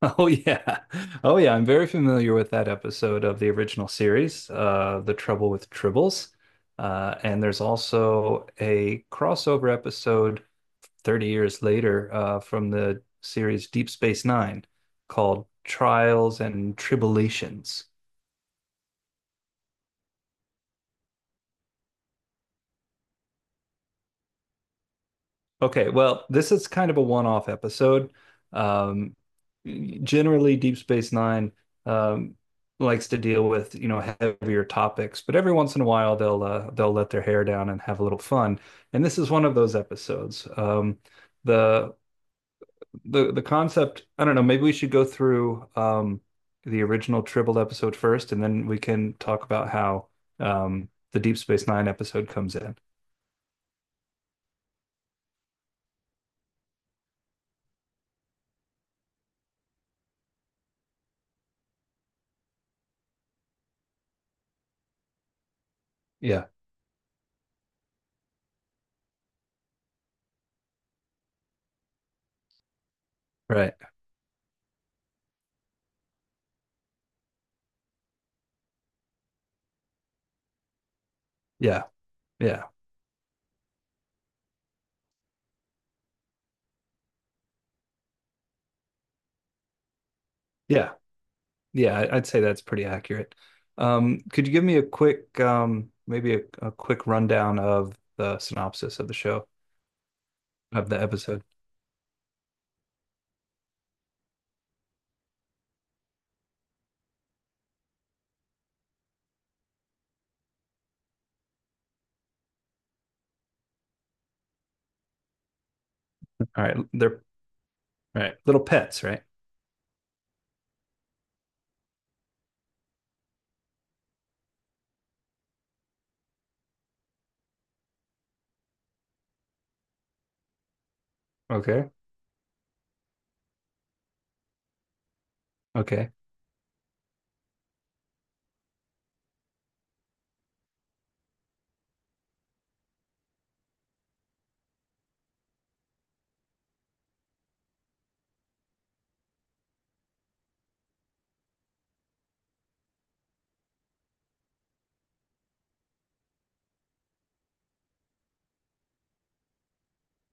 Oh yeah. Oh yeah, I'm very familiar with that episode of the original series, The Trouble with Tribbles. And there's also a crossover episode 30 years later from the series Deep Space Nine called Trials and Tribulations. Okay, well, this is kind of a one-off episode. Um, generally, Deep Space Nine um, likes to deal with, you know, heavier topics, but every once in a while they'll let their hair down and have a little fun. And this is one of those episodes. The the concept, I don't know, maybe we should go through the original Tribble episode first, and then we can talk about how the Deep Space Nine episode comes in. Yeah, right. Yeah, yeah, yeah. Yeah, I'd say that's pretty accurate. Could you give me a quick, maybe a quick rundown of the synopsis of the show, of the episode? All right, they're Right. Little pets, right? Okay. Okay.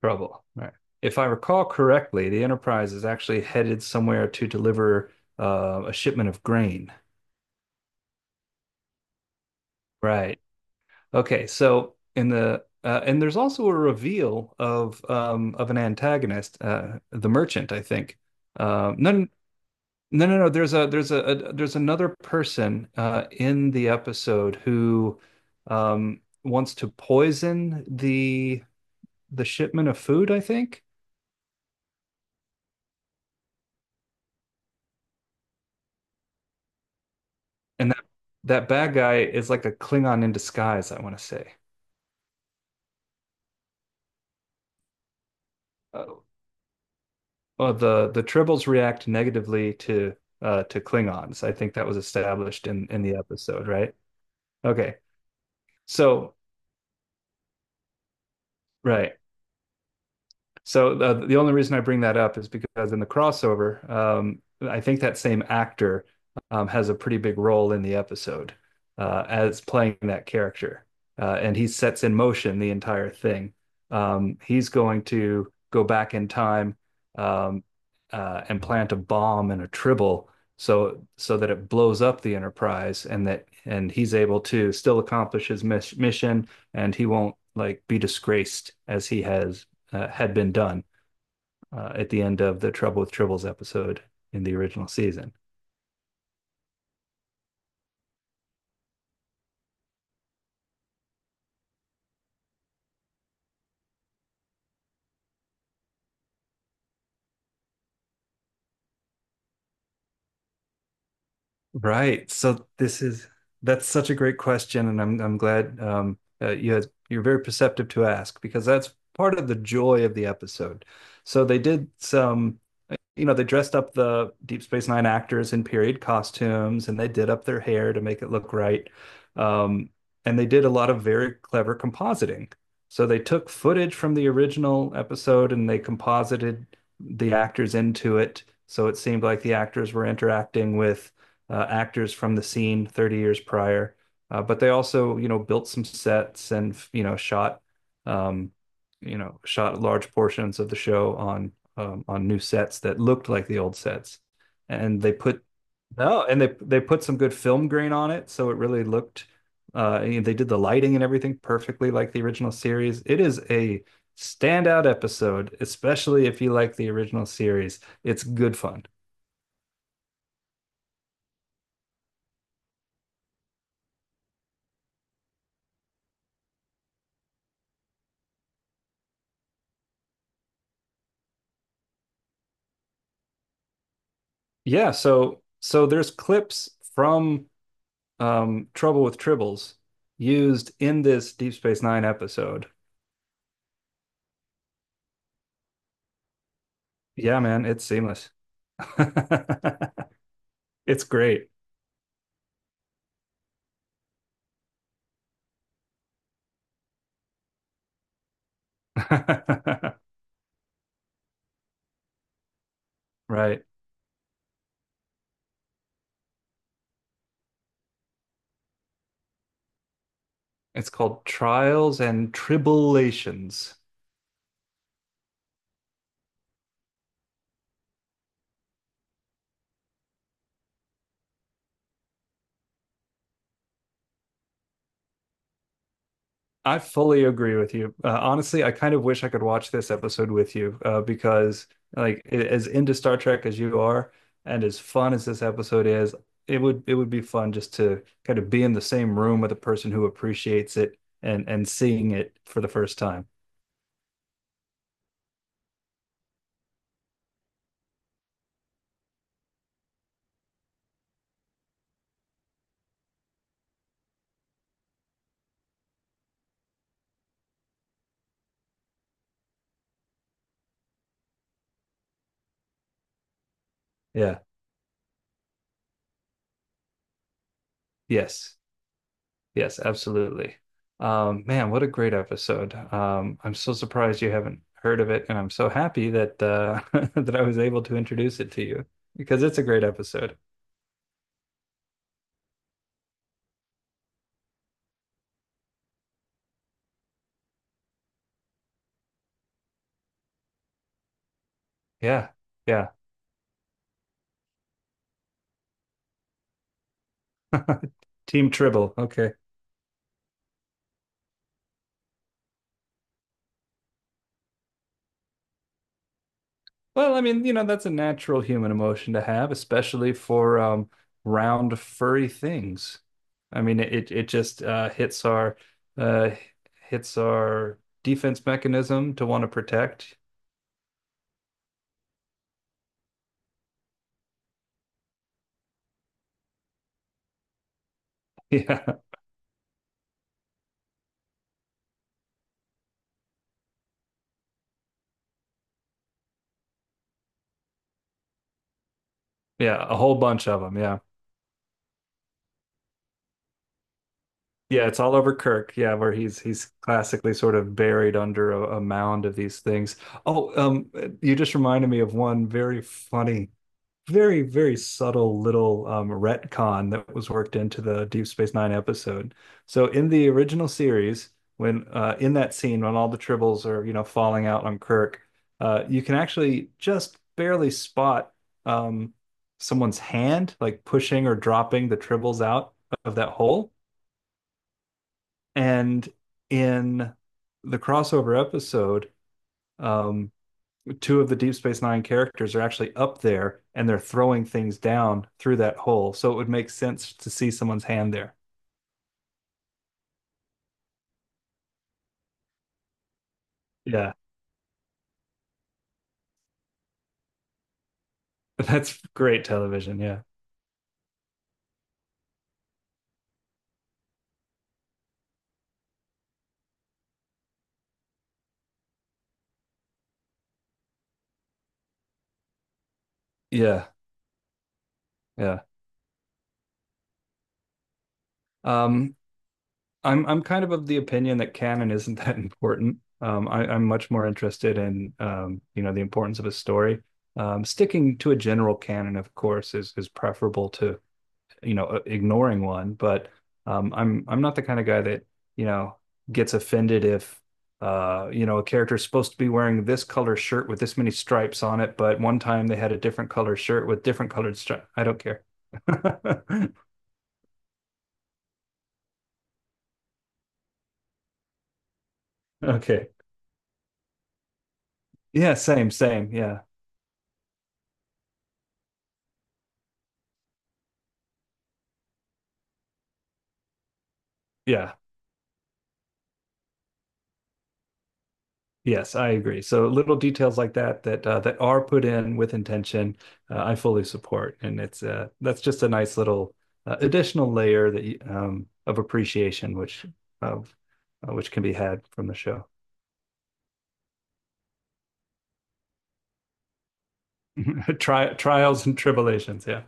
Trouble. All right. If I recall correctly, the Enterprise is actually headed somewhere to deliver a shipment of grain. Right. Okay. So in the and there's also a reveal of an antagonist, the merchant, I think. Um, no, no. There's there's another person in the episode who wants to poison the shipment of food, I think. And that bad guy is like a Klingon in disguise, I want to say. Uh, the the Tribbles react negatively to Klingons. I think that was established in the episode, right? Okay. So, right. So the only reason I bring that up is because in the crossover, I think that same actor has a pretty big role in the episode as playing that character, and he sets in motion the entire thing. He's going to go back in time um, and plant a bomb and a tribble so that it blows up the Enterprise, and that and he's able to still accomplish his mission, and he won't like be disgraced as he has had been done at the end of the Trouble with Tribbles episode in the original season. Right. So this is that's such a great question, and I'm glad you're very perceptive to ask because that's part of the joy of the episode. So they did some you know, they dressed up the Deep Space Nine actors in period costumes and they did up their hair to make it look right. Um, and they did a lot of very clever compositing. So they took footage from the original episode and they composited the actors into it. So it seemed like the actors were interacting with actors from the scene 30 years prior. But they also, you know, built some sets and, you know, um, you know, shot large portions of the show on new sets that looked like the old sets, and they put no, and they put some good film grain on it, so it really looked. You They did the lighting and everything perfectly like the original series. It is a standout episode, especially if you like the original series. It's good fun. Yeah, so there's clips from Trouble with Tribbles used in this Deep Space Nine episode. Yeah, man, it's seamless. It's great. Right. It's called Trials and Tribulations. I fully agree with you. Honestly, I kind of wish I could watch this episode with you because, like, as into Star Trek as you are, and as fun as this episode is, it would be fun just to kind of be in the same room with a person who appreciates it and seeing it for the first time. Yeah. Yes. Yes. Absolutely. Man, what a great episode. I'm so surprised you haven't heard of it, and I'm so happy that that I was able to introduce it to you because it's a great episode. Yeah. Yeah. Team Tribble. Okay. Well, I mean, you know, that's a natural human emotion to have, especially for round furry things. I mean, it just hits uh our defense mechanism to want to protect. Yeah. Yeah, a whole bunch of them. Yeah. Yeah, it's all over Kirk. Yeah, where he's classically sort of buried under a mound of these things. Oh, you just reminded me of one very funny very, very subtle little retcon that was worked into the Deep Space Nine episode. So in the original series, when in that scene when all the tribbles are you know falling out on Kirk, you can actually just barely spot um, someone's hand like pushing or dropping the tribbles out of that hole. And in the crossover episode, um, two of the Deep Space Nine characters are actually up there and they're throwing things down through that hole. So it would make sense to see someone's hand there. Yeah. That's great television. Yeah. Yeah. Yeah. Um, I'm kind of the opinion that canon isn't that important. I'm much more interested in you know, the importance of a story. Sticking to a general canon, of course, is preferable to you know ignoring one, but I'm not the kind of guy that you know gets offended if you know a character is supposed to be wearing this color shirt with this many stripes on it, but one time they had a different color shirt with different colored stripes. I don't care. Okay, yeah, same, same, yeah, yeah. Yes, I agree. So little details like that that are put in with intention, I fully support, and it's that's just a nice little additional layer that of appreciation, uh, which can be had from the show. Trials and tribulations. Yeah.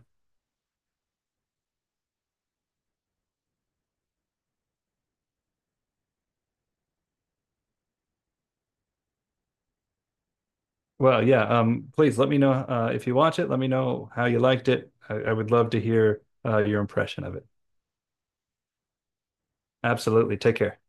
Well, yeah. Please let me know if you watch it. Let me know how you liked it. I would love to hear your impression of it. Absolutely. Take care.